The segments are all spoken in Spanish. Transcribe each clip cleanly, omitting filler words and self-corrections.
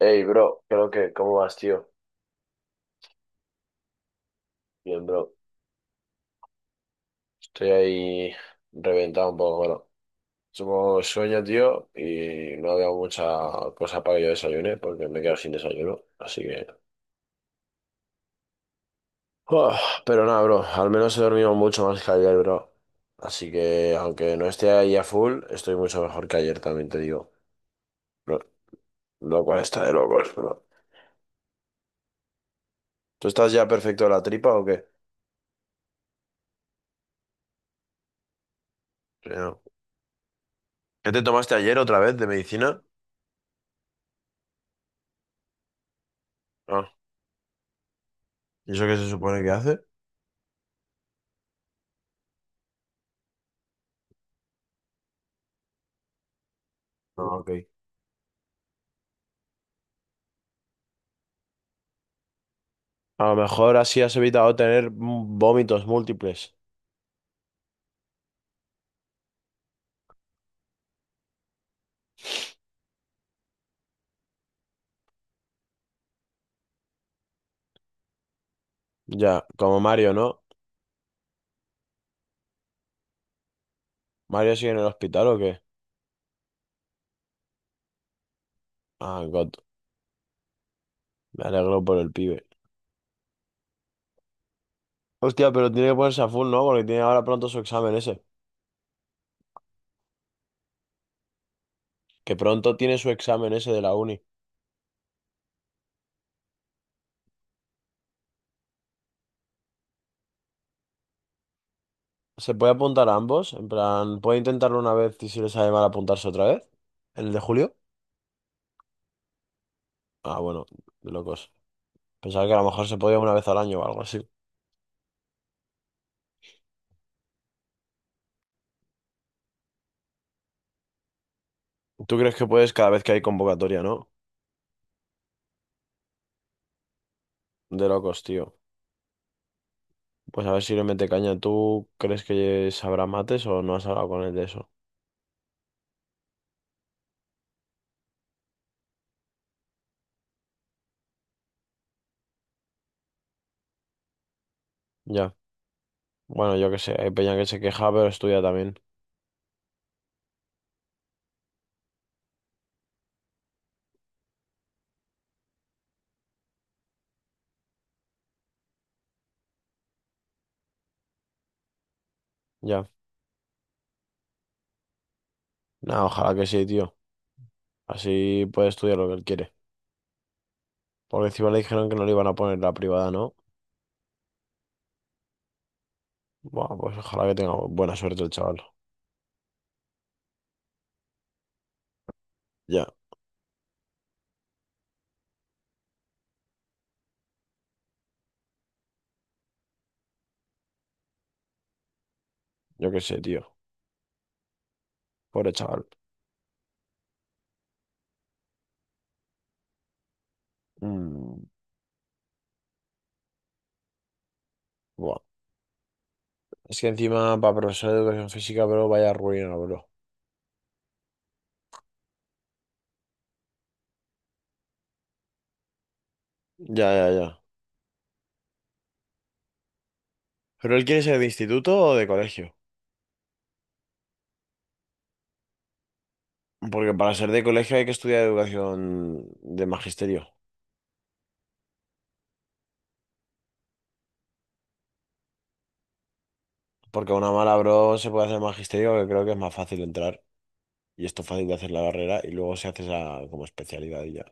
Hey, bro, creo que, ¿cómo vas, tío? Bien, bro. Estoy ahí reventado un poco, bueno. Supongo sueño, tío, y no había mucha cosa para que yo desayune, porque me quedo sin desayuno, así que... Uf, pero nada, bro, al menos he dormido mucho más que ayer, bro. Así que, aunque no esté ahí a full, estoy mucho mejor que ayer, también te digo. Lo, lo cual está de locos, bro. ¿Tú estás ya perfecto de la tripa o qué? Sí, no. ¿Qué te tomaste ayer otra vez de medicina? Ah, ¿y eso qué se supone que hace? Ah, ok. A lo mejor así has evitado tener vómitos múltiples. Ya, como Mario, ¿no? ¿Mario sigue en el hospital o qué? Ah, God, me alegro por el pibe. Hostia, pero tiene que ponerse a full, ¿no? Porque tiene ahora pronto su examen ese. Que pronto tiene su examen ese de la uni. ¿Se puede apuntar a ambos? En plan, ¿puede intentarlo una vez y si le sale mal apuntarse otra vez? ¿El de julio? Ah, bueno, de locos. Pensaba que a lo mejor se podía una vez al año o algo así. ¿Tú crees que puedes cada vez que hay convocatoria, no? De locos, tío. Pues a ver si le mete caña. ¿Tú crees que sabrá mates o no has hablado con él de eso? Ya. Bueno, yo qué sé. Hay peña que se queja, pero estudia también. Ya. Nada, ojalá que sí, tío. Así puede estudiar lo que él quiere. Porque encima le dijeron que no le iban a poner la privada, ¿no? Bueno, pues ojalá que tenga buena suerte el chaval. Ya. Yo qué sé, tío. Pobre chaval. Mm, buah. Es que encima para profesor de educación física, bro, vaya ruina, bro. Ya, ya, ya. ¿Pero él quiere ser de instituto o de colegio? Porque para ser de colegio hay que estudiar educación de magisterio. Porque a una mala bro se puede hacer magisterio, que creo que es más fácil entrar. Y esto fácil de hacer la carrera. Y luego se hace esa como especialidad y ya.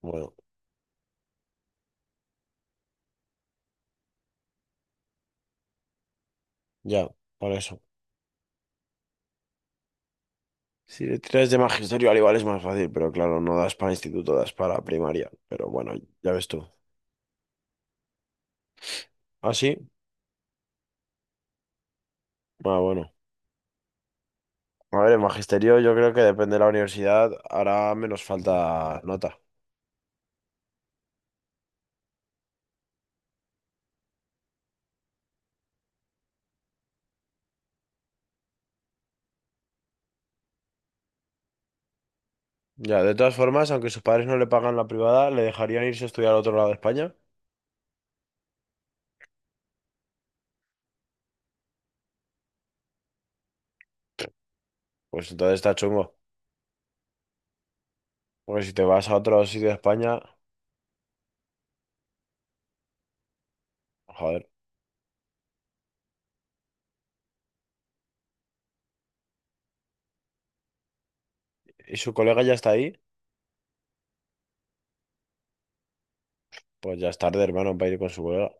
Bueno, ya, por eso. Si le tiras de magisterio, al igual es más fácil. Pero claro, no das para instituto, das para primaria. Pero bueno, ya ves tú. ¿Ah, sí? Ah, bueno. A ver, en magisterio yo creo que depende de la universidad, hará menos falta nota. Ya, de todas formas, aunque sus padres no le pagan la privada, le dejarían irse a estudiar a otro lado de España. Pues entonces está chungo. Porque si te vas a otro sitio de España, joder, y su colega ya está ahí, pues ya es tarde, hermano, para ir con su colega.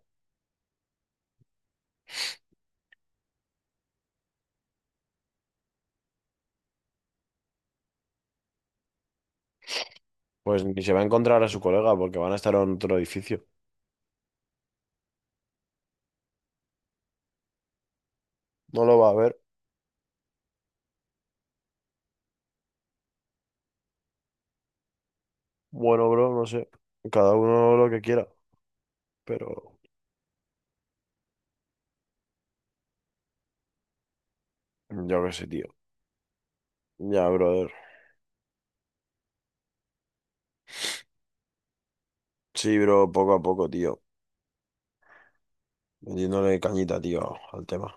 Pues ni se va a encontrar a su colega porque van a estar en otro edificio. No lo va a ver. Bueno, bro, no sé. Cada uno lo que quiera. Pero yo qué sé, tío. Ya, brother. Sí, bro, poco a poco, tío. Metiéndole cañita, tío, al tema.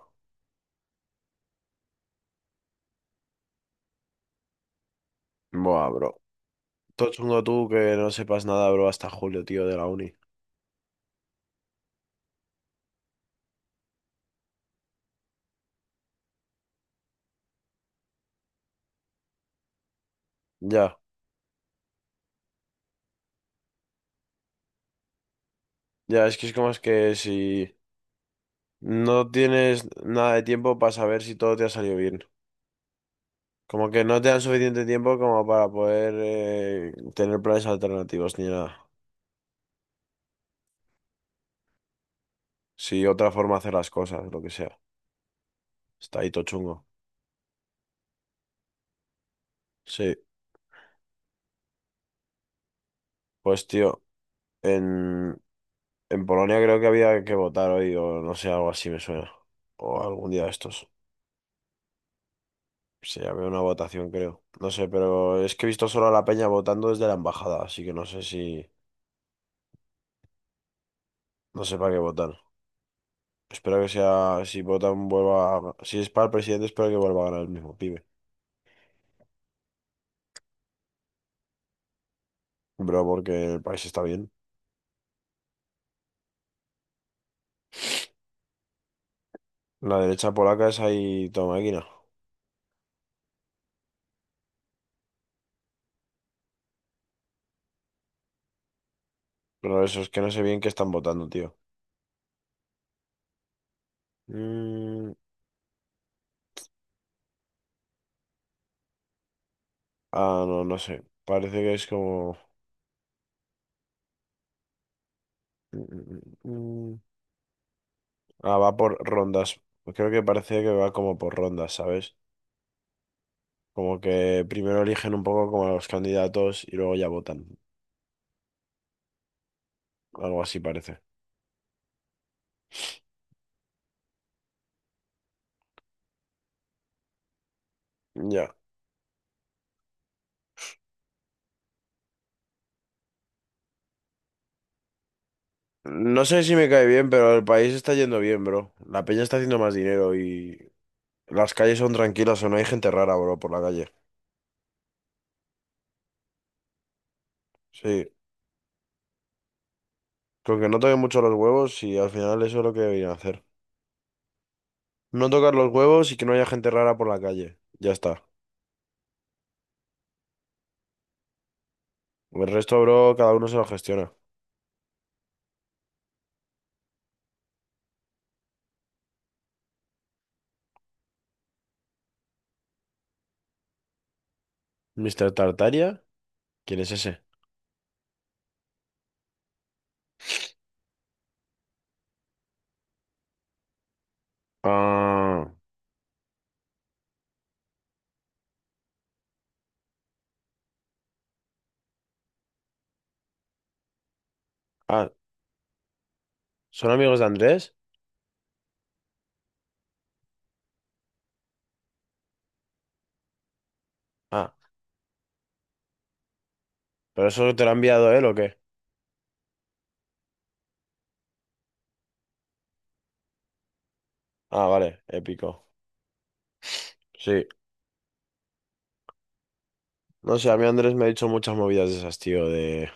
Buah, bro. Todo chungo tú que no sepas nada, bro, hasta julio, tío, de la uni. Ya, ya, es que es como es que si... No tienes nada de tiempo para saber si todo te ha salido bien. Como que no te dan suficiente tiempo como para poder tener planes alternativos ni nada. Si otra forma de hacer las cosas, lo que sea. Está ahí todo chungo. Sí, pues tío, en, en Polonia creo que había que votar hoy o no sé, algo así me suena. O algún día de estos. Sí, había una votación, creo. No sé, pero es que he visto solo a la peña votando desde la embajada, así que no sé si... No sé para qué votar. Espero que sea, si votan Si es para el presidente, espero que vuelva a ganar el mismo pibe. Bro, porque el país está bien. La derecha polaca es ahí toda máquina. Pero eso es que no sé bien qué están votando, tío. Mm, ah, no, no sé. Parece que es como... Mm, mm, mm, mm. Ah, va por rondas. Creo que parece que va como por rondas, ¿sabes? Como que primero eligen un poco como a los candidatos y luego ya votan. Algo así parece. Ya. No sé si me cae bien, pero el país está yendo bien, bro. La peña está haciendo más dinero y las calles son tranquilas o no hay gente rara, bro, por la calle. Sí, con que no toquen mucho los huevos y al final eso es lo que deberían hacer. No tocar los huevos y que no haya gente rara por la calle. Ya está. El resto, bro, cada uno se lo gestiona. ¿Mr. Tartaria? ¿Quién es ese? Ah, ah, ¿son amigos de Andrés? Ah, ¿pero eso te lo ha enviado él o qué? Ah, vale, épico. Sí. No sé, a mí Andrés me ha dicho muchas movidas de esas, tío, de...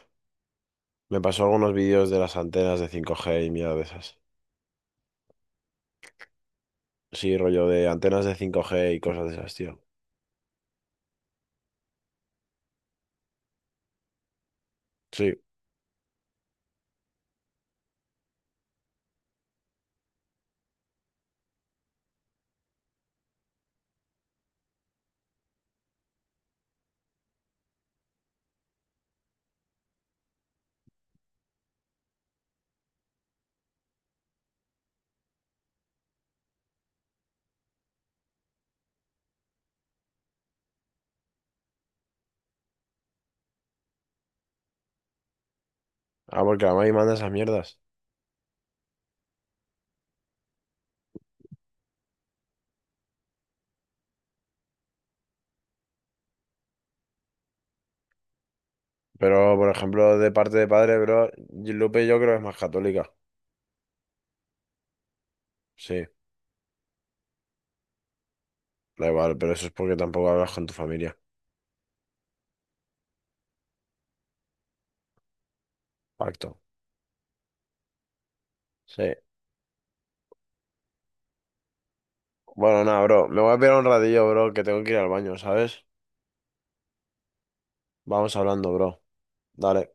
Me pasó algunos vídeos de las antenas de 5G y mierda de esas. Sí, rollo de antenas de 5G y cosas de esas, tío. Sí. Ah, porque la mami manda esas mierdas. Pero, por ejemplo, de parte de padre, bro, y Lupe yo creo que es más católica. Sí, da igual, pero eso es porque tampoco hablas con tu familia. Pacto. Sí. Bueno, nada, bro. Me voy a pegar un ratillo, bro, que tengo que ir al baño, ¿sabes? Vamos hablando, bro. Dale.